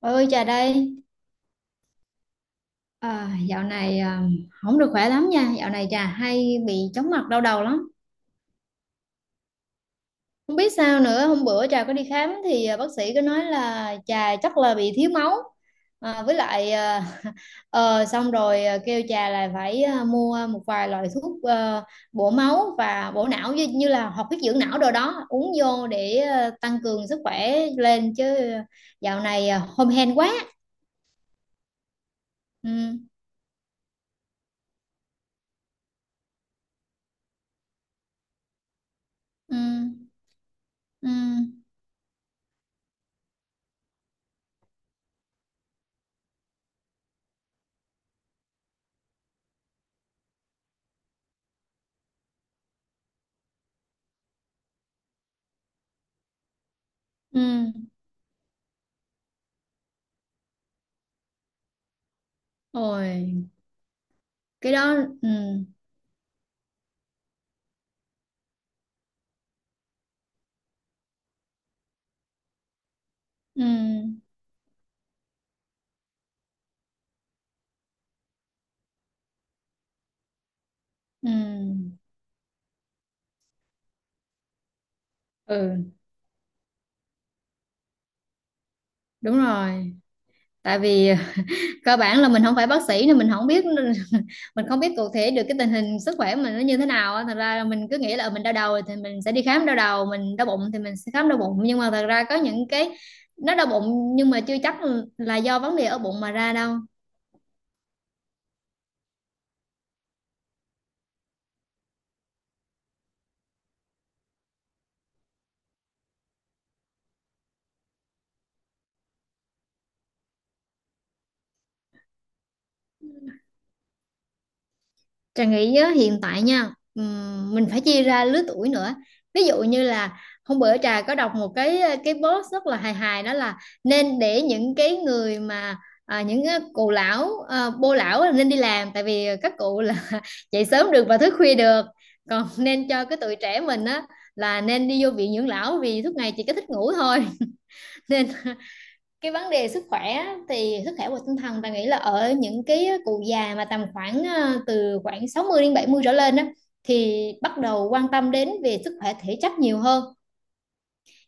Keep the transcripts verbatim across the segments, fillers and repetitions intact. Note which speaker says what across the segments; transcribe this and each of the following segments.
Speaker 1: Bà ơi trà đây. À, dạo này à, không được khỏe lắm nha. Dạo này trà hay bị chóng mặt, đau đầu lắm. Không biết sao nữa, hôm bữa trà có đi khám thì à, bác sĩ có nói là trà chắc là bị thiếu máu. À, với lại à, ờ, xong rồi à, kêu trà là phải à, mua một vài loại thuốc à, bổ máu và bổ não, như, như là hoạt huyết dưỡng não, đồ đó uống vô để à, tăng cường sức khỏe lên chứ. Dạo này à, hom hen quá. Ừ. Ừ. Ừ. Ừ. Ôi, cái đó. Ừ. Ừ. Ừ. Ừ. Đúng rồi. Tại vì cơ bản là mình không phải bác sĩ nên mình không biết. Mình không biết cụ thể được cái tình hình sức khỏe của mình nó như thế nào á. Thật ra là mình cứ nghĩ là ờ, mình đau đầu thì mình sẽ đi khám đau đầu, mình đau bụng thì mình sẽ khám đau bụng, nhưng mà thật ra có những cái nó đau bụng nhưng mà chưa chắc là do vấn đề ở bụng mà ra đâu. Trà nghĩ á, hiện tại nha, ừm, mình phải chia ra lứa tuổi nữa. Ví dụ như là hôm bữa Trà có đọc một cái cái post rất là hài hài, đó là nên để những cái người mà à, những cái cụ lão, à, bô lão là nên đi làm, tại vì các cụ là dậy sớm được và thức khuya được, còn nên cho cái tụi trẻ mình á là nên đi vô viện dưỡng lão vì suốt ngày chỉ có thích ngủ thôi. Nên cái vấn đề sức khỏe á, thì sức khỏe và tinh thần ta nghĩ là ở những cái cụ già mà tầm khoảng ờ, từ khoảng sáu mươi đến bảy mươi trở lên á, thì bắt đầu quan tâm đến về sức khỏe thể chất nhiều hơn.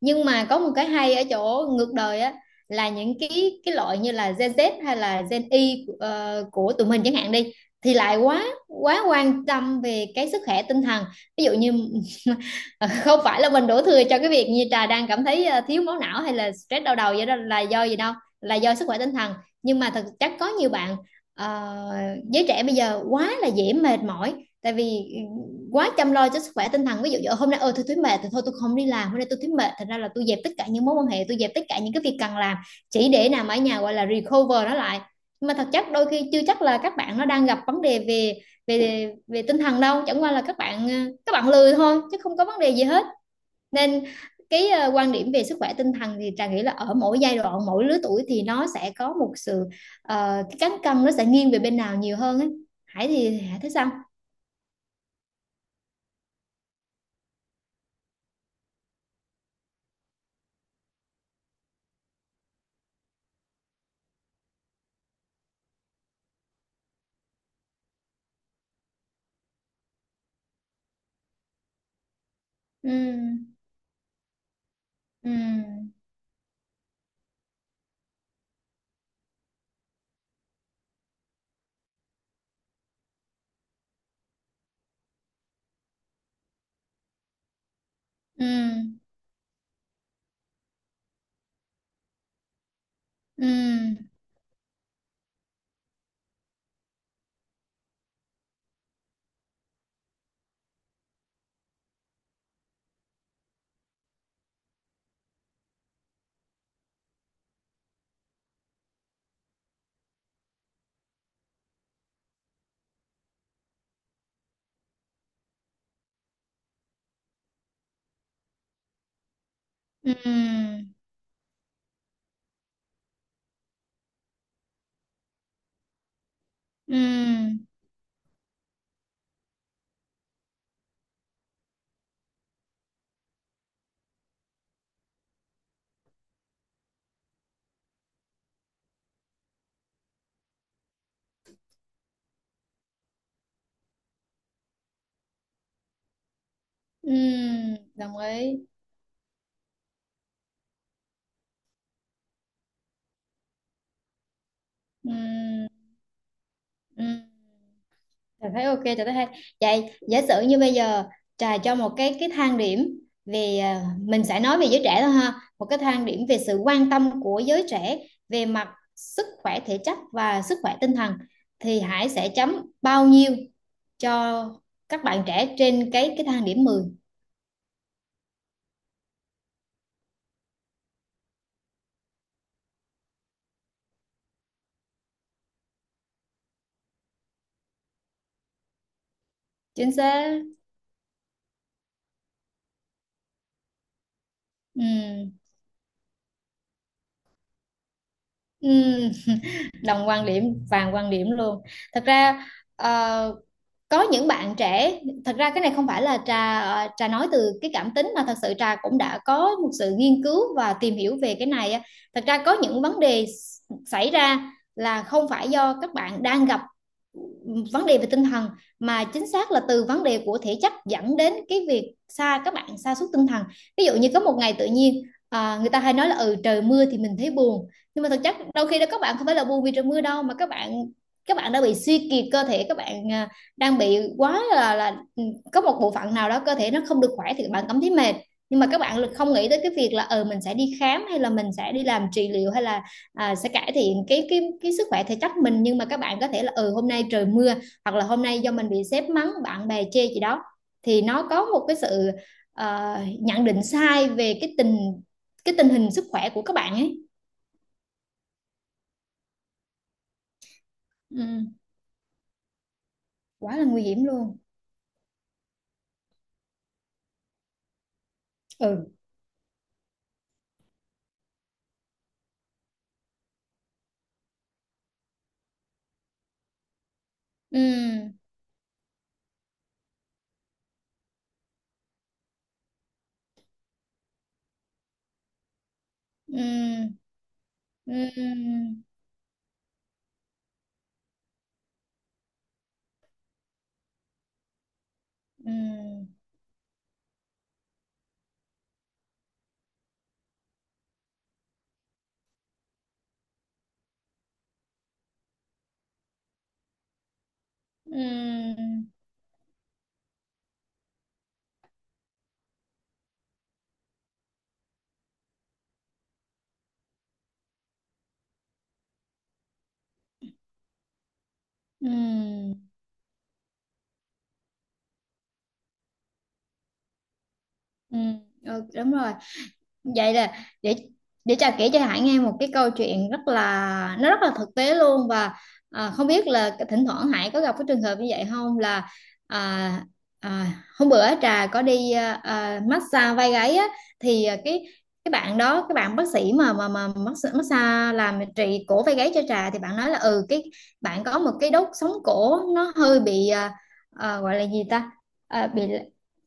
Speaker 1: Nhưng mà có một cái hay ở chỗ ngược đời á, là những cái cái loại như là Gen Z hay là Gen Y, ờ, của tụi mình chẳng hạn đi, thì lại quá quá quan tâm về cái sức khỏe tinh thần. Ví dụ như không phải là mình đổ thừa cho cái việc như trà đang cảm thấy ờ, thiếu máu não hay là stress đau đầu vậy, đó là do gì đâu, là do sức khỏe tinh thần. Nhưng mà thật chắc có nhiều bạn, ờ, giới trẻ bây giờ quá là dễ mệt mỏi, tại vì ừ, quá chăm lo cho sức khỏe tinh thần. Ví dụ như hôm nay ơi tôi thấy mệt thì thôi tôi không đi làm, hôm nay tôi thấy mệt thành ra là tôi dẹp tất cả những mối quan hệ, tôi dẹp tất cả những cái việc cần làm, chỉ để nằm ở nhà gọi là recover nó lại. Nhưng mà thật chất đôi khi chưa chắc là các bạn nó đang gặp vấn đề về về về tinh thần đâu, chẳng qua là các bạn, ờ, các bạn lười thôi chứ không có vấn đề gì hết. Nên cái, ờ, quan điểm về sức khỏe tinh thần thì Trà nghĩ là ở mỗi giai đoạn mỗi lứa tuổi thì nó sẽ có một sự, ờ, cái cán cân nó sẽ nghiêng về bên nào nhiều hơn ấy. Hải thì Hải thấy sao? Ừ. Ừ. Ừ. Ừ. Ừ. Ừ. Ừ. Đồng ý. Ừ. Ừ. Trà thấy ok, Trà thấy hay. Vậy giả sử như bây giờ Trà cho một cái cái thang điểm về, à, mình sẽ nói về giới trẻ thôi ha, một cái thang điểm về sự quan tâm của giới trẻ về mặt sức khỏe thể chất và sức khỏe tinh thần, thì Hải sẽ chấm bao nhiêu cho các bạn trẻ trên cái cái thang điểm mười? Chính xác. Ừ. Ừ. Đồng quan điểm, vàng quan điểm luôn. Thật ra, ờ, có những bạn trẻ, thật ra cái này không phải là trà, ờ, trà nói từ cái cảm tính, mà thật sự trà cũng đã có một sự nghiên cứu và tìm hiểu về cái này á. Thật ra có những vấn đề xảy ra là không phải do các bạn đang gặp vấn đề về tinh thần, mà chính xác là từ vấn đề của thể chất dẫn đến cái việc xa các bạn sa sút tinh thần. Ví dụ như có một ngày tự nhiên, à, người ta hay nói là ừ trời mưa thì mình thấy buồn, nhưng mà thực chất đôi khi đó các bạn không phải là buồn vì trời mưa đâu, mà các bạn các bạn đã bị suy kiệt cơ thể, các bạn à, đang bị quá là là ừ, có một bộ phận nào đó cơ thể nó không được khỏe thì các bạn cảm thấy mệt. Nhưng mà các bạn không nghĩ tới cái việc là ờ mình sẽ đi khám hay là mình sẽ đi làm trị liệu, hay là à, sẽ cải thiện cái cái cái sức khỏe thể chất mình, nhưng mà các bạn có thể là ờ hôm nay trời mưa, hoặc là hôm nay do mình bị sếp mắng, bạn bè chê gì đó, thì nó có một cái sự, à, nhận định sai về cái tình cái tình hình sức khỏe của các bạn ấy. Ừ. Quá là nguy hiểm luôn. Ừ. Ừ. Ừ. Ừ. Ừ. Ừ. Ừ. Ừ. Ừ. Ờ, đúng rồi. Vậy là để để Trà kể cho Hải nghe một cái câu chuyện rất là nó rất là thực tế luôn, và à, không biết là thỉnh thoảng Hải có gặp cái trường hợp như vậy không, là à, à, hôm bữa Trà có đi à, à, massage vai gáy á. Thì à, cái cái bạn đó, cái bạn bác sĩ mà mà mà massage, massage làm trị cổ vai gáy cho Trà, thì bạn nói là: ừ cái bạn có một cái đốt sống cổ nó hơi bị, à, à, gọi là gì ta, à, bị,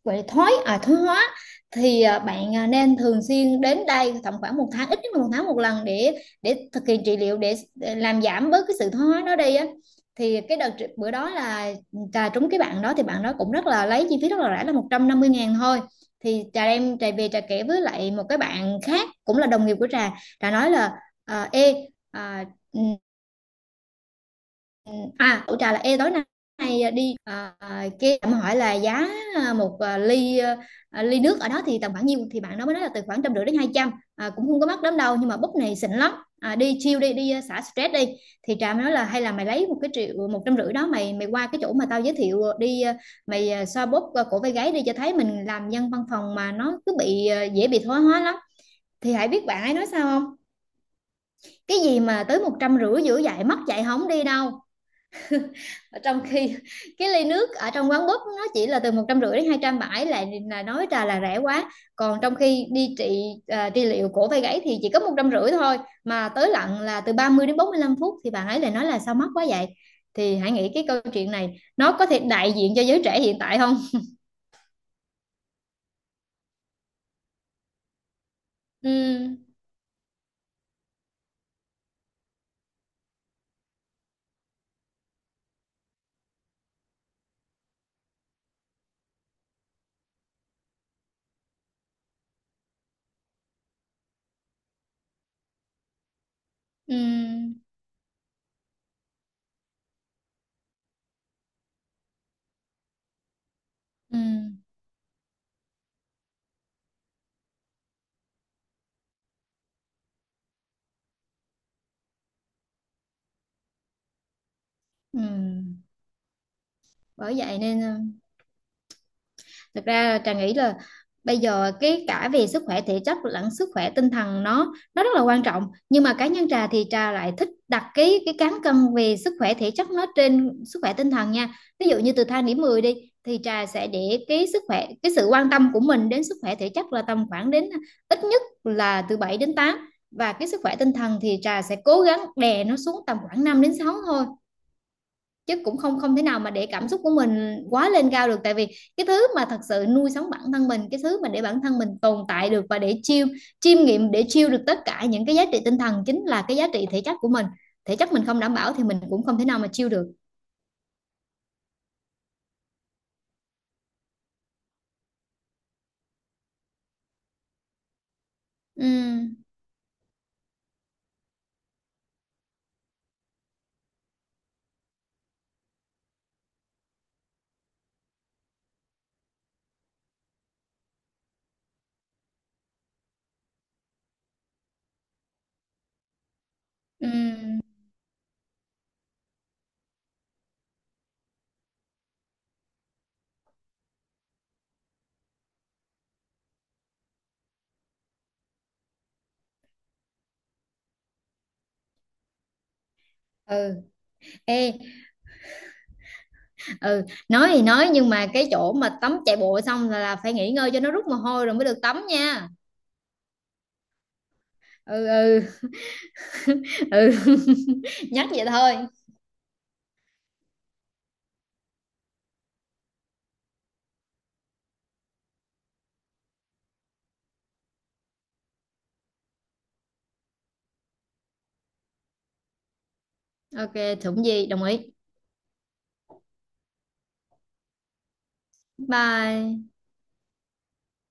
Speaker 1: gọi là thoái à thoái hóa. Thì à, bạn à, nên thường xuyên đến đây tầm khoảng một tháng, ít nhất là một tháng một lần, để để thực hiện trị liệu, để làm giảm bớt cái sự thoái hóa đó đi á. Thì cái đợt bữa đó là trà trúng cái bạn đó, thì bạn đó cũng rất là lấy chi phí rất là rẻ, là một trăm năm mươi ngàn thôi. Thì trà đem trà về trà kể với lại một cái bạn khác cũng là đồng nghiệp của trà. Trà nói là: à, ê à, ừ, À, tụi trà là ê tối nay đi, à, cái em hỏi là giá, ờ, một à, ly à, ly nước ở đó thì tầm khoảng nhiêu, thì bạn đó mới nói là từ khoảng trăm rưỡi đến hai trăm, à, cũng không có mắc lắm đâu nhưng mà bút này xịn lắm, à, đi chill đi đi, à, xả stress đi. Thì trà mới nói là: hay là mày lấy một cái triệu một trăm rưỡi đó, mày mày qua cái chỗ mà tao giới thiệu đi, à, mày à, xoa bóp à, cổ vai gáy đi, cho thấy mình làm dân văn phòng mà nó cứ bị, à, dễ bị thoái hóa lắm. Thì hãy biết bạn ấy nói sao không: cái gì mà tới một trăm rưỡi, giữa dạy mất dạy không đi đâu, trong khi cái ly nước ở trong quán búp nó chỉ là từ một trăm rưỡi đến hai trăm bảy, lại là nói trà là rẻ quá, còn trong khi đi trị à, trị liệu cổ vai gáy thì chỉ có một trăm rưỡi thôi, mà tới lặn là từ ba mươi đến bốn mươi lăm phút, thì bạn ấy lại nói là: sao mắc quá vậy? Thì hãy nghĩ cái câu chuyện này nó có thể đại diện cho giới trẻ hiện tại không? Ừ. Ừ. Ừ. Ừ. Bởi vậy nên, ờ, thực ra Trà nghĩ là bây giờ cái cả về sức khỏe thể chất lẫn sức khỏe tinh thần nó nó rất là quan trọng. Nhưng mà cá nhân Trà thì Trà lại thích đặt cái cái cán cân về sức khỏe thể chất nó trên sức khỏe tinh thần nha. Ví dụ như từ thang điểm mười đi, thì Trà sẽ để cái sức khỏe cái sự quan tâm của mình đến sức khỏe thể chất là tầm khoảng đến, ít nhất là từ bảy đến tám, và cái sức khỏe tinh thần thì Trà sẽ cố gắng đè nó xuống tầm khoảng năm đến sáu thôi. Chứ cũng không không thể nào mà để cảm xúc của mình quá lên cao được, tại vì cái thứ mà thật sự nuôi sống bản thân mình, cái thứ mà để bản thân mình tồn tại được, và để chiêu chiêm nghiệm, để chiêu được tất cả những cái giá trị tinh thần, chính là cái giá trị thể chất của mình. Thể chất mình không đảm bảo thì mình cũng không thể nào mà chiêu được. Ừ. Ừ. Ừ. Ê. Ừ. Nói thì nói, nhưng mà cái chỗ mà tắm chạy bộ xong là, là phải nghỉ ngơi cho nó rút mồ hôi rồi mới được tắm nha. Ừ. Ừ. Ừ. Nhắc vậy thôi. Ok, thủng gì đồng ý. Bye.